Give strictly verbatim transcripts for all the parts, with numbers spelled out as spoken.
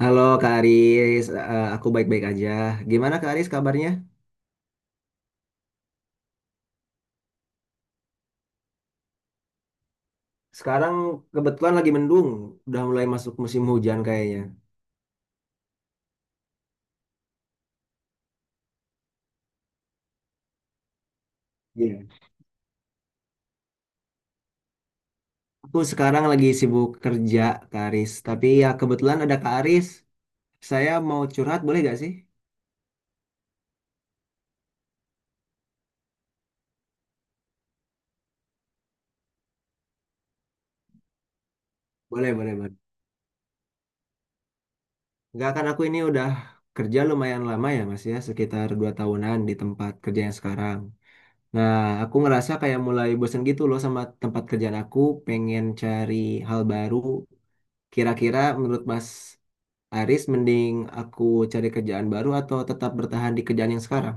Halo Kak Aris. Eh, aku baik-baik aja. Gimana Kak Aris kabarnya? Sekarang kebetulan lagi mendung, udah mulai masuk musim hujan kayaknya. Iya. Aku sekarang lagi sibuk kerja Kak Aris, tapi ya kebetulan ada Kak Aris. Saya mau curhat, boleh gak sih? Boleh, boleh, boleh. Enggak kan aku ini udah kerja lumayan lama ya Mas ya, sekitar dua tahunan di tempat kerja yang sekarang. Nah, aku ngerasa kayak mulai bosen gitu loh sama tempat kerjaan aku, pengen cari hal baru. Kira-kira menurut Mas Aris mending aku cari kerjaan baru atau tetap bertahan di kerjaan yang sekarang?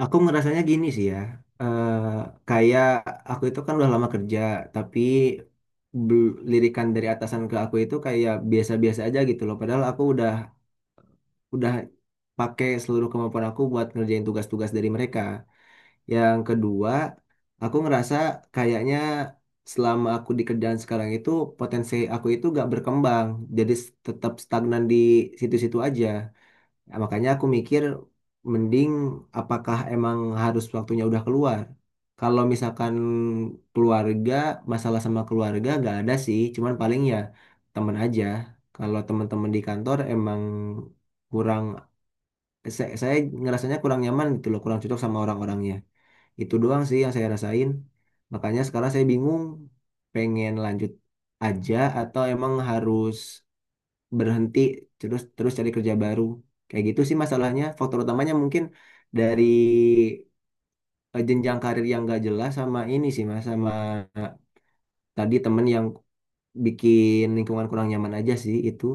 Aku ngerasanya gini sih ya, eh, kayak aku itu kan udah lama kerja, tapi bel- lirikan dari atasan ke aku itu kayak biasa-biasa aja gitu loh. Padahal aku udah udah pakai seluruh kemampuan aku buat ngerjain tugas-tugas dari mereka. Yang kedua, aku ngerasa kayaknya selama aku di kerjaan sekarang itu potensi aku itu gak berkembang, jadi s- tetap stagnan di situ-situ aja. Ya, makanya aku mikir mending apakah emang harus waktunya udah keluar. Kalau misalkan keluarga, masalah sama keluarga gak ada sih, cuman paling ya temen aja. Kalau teman-teman di kantor emang kurang saya, saya ngerasanya kurang nyaman gitu loh, kurang cocok sama orang-orangnya. Itu doang sih yang saya rasain. Makanya sekarang saya bingung pengen lanjut aja atau emang harus berhenti terus terus cari kerja baru. Kayak gitu sih masalahnya. Faktor utamanya mungkin dari eh, jenjang karir yang gak jelas sama ini sih Mas, sama eh, tadi temen yang bikin lingkungan kurang nyaman aja sih itu.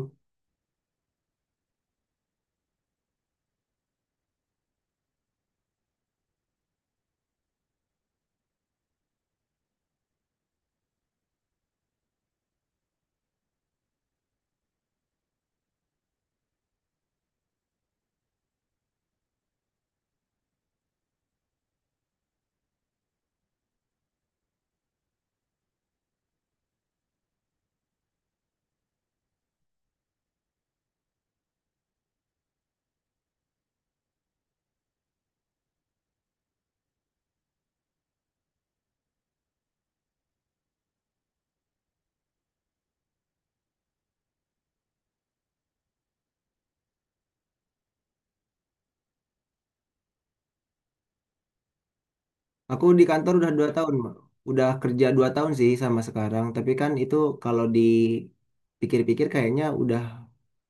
Aku di kantor udah dua tahun, Mbak. Udah kerja dua tahun sih sama sekarang. Tapi kan itu kalau dipikir-pikir kayaknya udah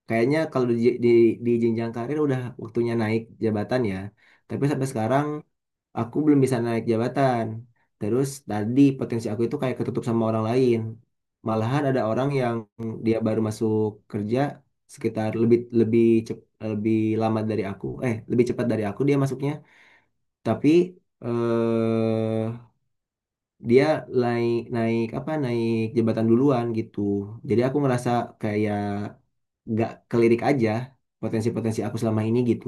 kayaknya kalau di, di, di jenjang karir udah waktunya naik jabatan ya. Tapi sampai sekarang aku belum bisa naik jabatan. Terus tadi potensi aku itu kayak ketutup sama orang lain. Malahan ada orang yang dia baru masuk kerja sekitar lebih lebih cep, lebih lama dari aku, eh lebih cepat dari aku dia masuknya. Tapi eh dia naik naik apa naik jabatan duluan gitu, jadi aku ngerasa kayak gak kelirik aja potensi-potensi aku selama ini gitu.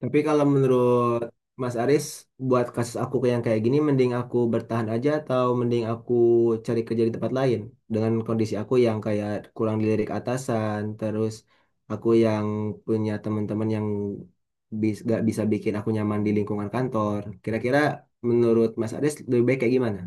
Tapi kalau menurut Mas Aris buat kasus aku yang kayak gini mending aku bertahan aja atau mending aku cari kerja di tempat lain dengan kondisi aku yang kayak kurang dilirik atasan terus aku yang punya teman-teman yang bis, gak bisa bikin aku nyaman di lingkungan kantor, kira-kira menurut Mas Aris lebih baik kayak gimana?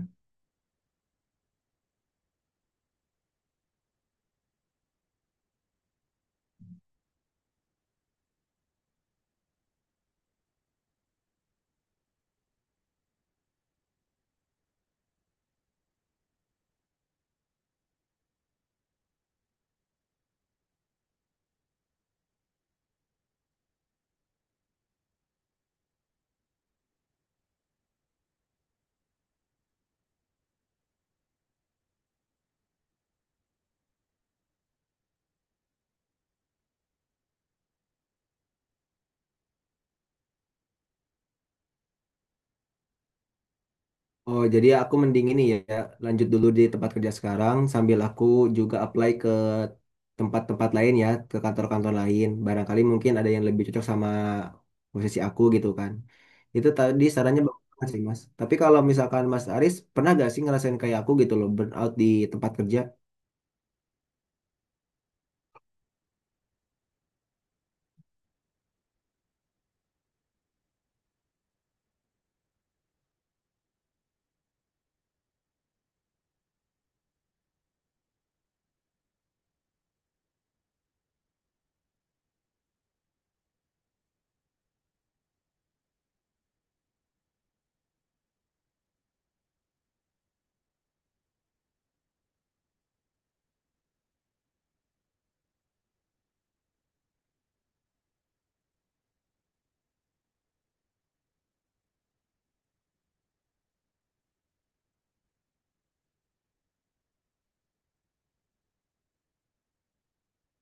Oh, jadi aku mending ini ya, lanjut dulu di tempat kerja sekarang sambil aku juga apply ke tempat-tempat lain ya, ke kantor-kantor lain. Barangkali mungkin ada yang lebih cocok sama posisi aku gitu kan. Itu tadi sarannya bagus banget sih, Mas. Tapi kalau misalkan Mas Aris, pernah gak sih ngerasain kayak aku gitu loh, burnout di tempat kerja?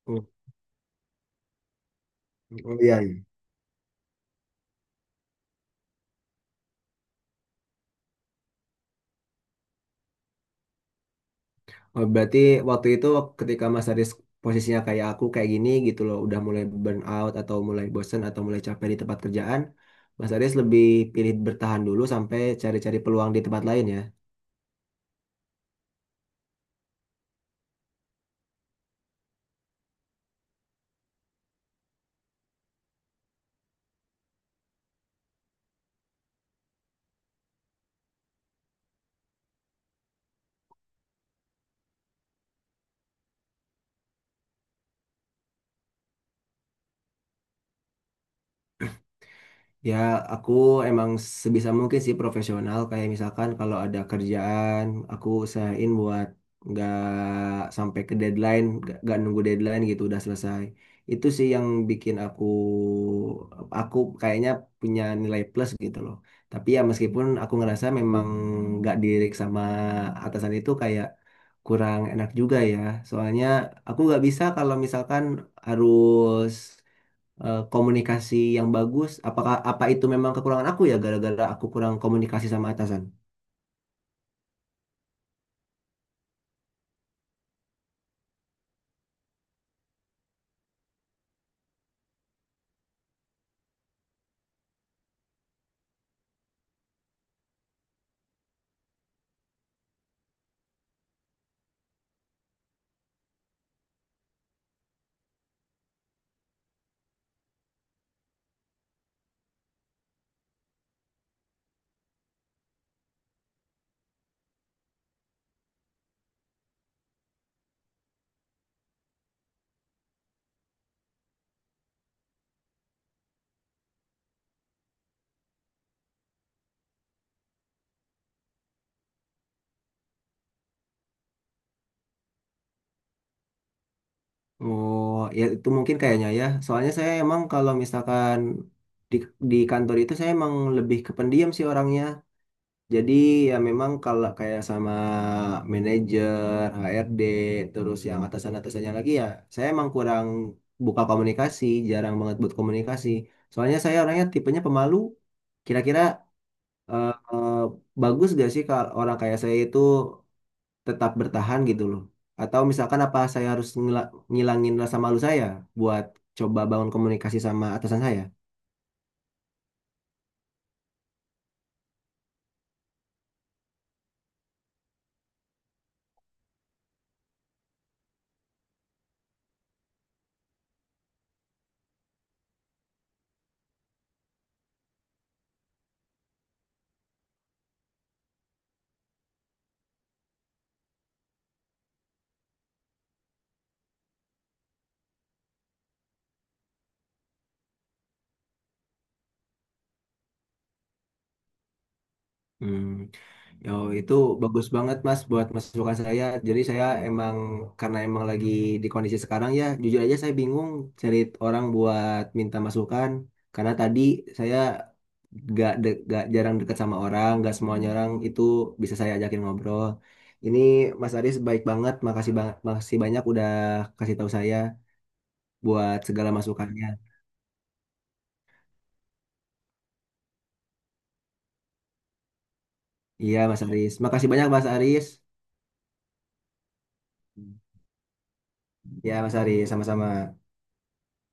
Hmm. Oh iya. Iya. Oh, berarti waktu itu ketika Mas Haris posisinya kayak aku kayak gini gitu loh, udah mulai burn out atau mulai bosen atau mulai capek di tempat kerjaan, Mas Haris lebih pilih bertahan dulu sampai cari-cari peluang di tempat lain ya. Ya, aku emang sebisa mungkin sih profesional. Kayak misalkan kalau ada kerjaan, aku usahain buat nggak sampai ke deadline, nggak nggak nunggu deadline gitu udah selesai. Itu sih yang bikin aku, aku kayaknya punya nilai plus gitu loh. Tapi ya meskipun aku ngerasa memang nggak dirik sama atasan itu kayak kurang enak juga ya. Soalnya aku nggak bisa kalau misalkan harus eh, komunikasi yang bagus. Apakah apa itu memang kekurangan aku ya gara-gara aku kurang komunikasi sama atasan? Oh, ya itu mungkin kayaknya ya. Soalnya saya emang kalau misalkan di di kantor itu saya emang lebih kependiam sih orangnya. Jadi ya memang kalau kayak sama manajer, H R D, terus yang atasan-atasannya lagi ya, saya emang kurang buka komunikasi, jarang banget buat komunikasi. Soalnya saya orangnya tipenya pemalu. Kira-kira eh, eh, bagus gak sih kalau orang kayak saya itu tetap bertahan gitu loh? Atau misalkan apa saya harus ngila- ngilangin rasa malu saya buat coba bangun komunikasi sama atasan saya? Hmm. Yo, itu bagus banget Mas buat masukan saya. Jadi saya emang karena emang lagi di kondisi sekarang ya, jujur aja saya bingung cari orang buat minta masukan karena tadi saya gak, de- gak jarang dekat sama orang, gak semuanya orang itu bisa saya ajakin ngobrol. Ini Mas Aris baik banget, makasih banget, makasih banyak udah kasih tahu saya buat segala masukannya. Iya Mas Aris, makasih banyak Mas Aris. Ya Mas Aris, sama-sama.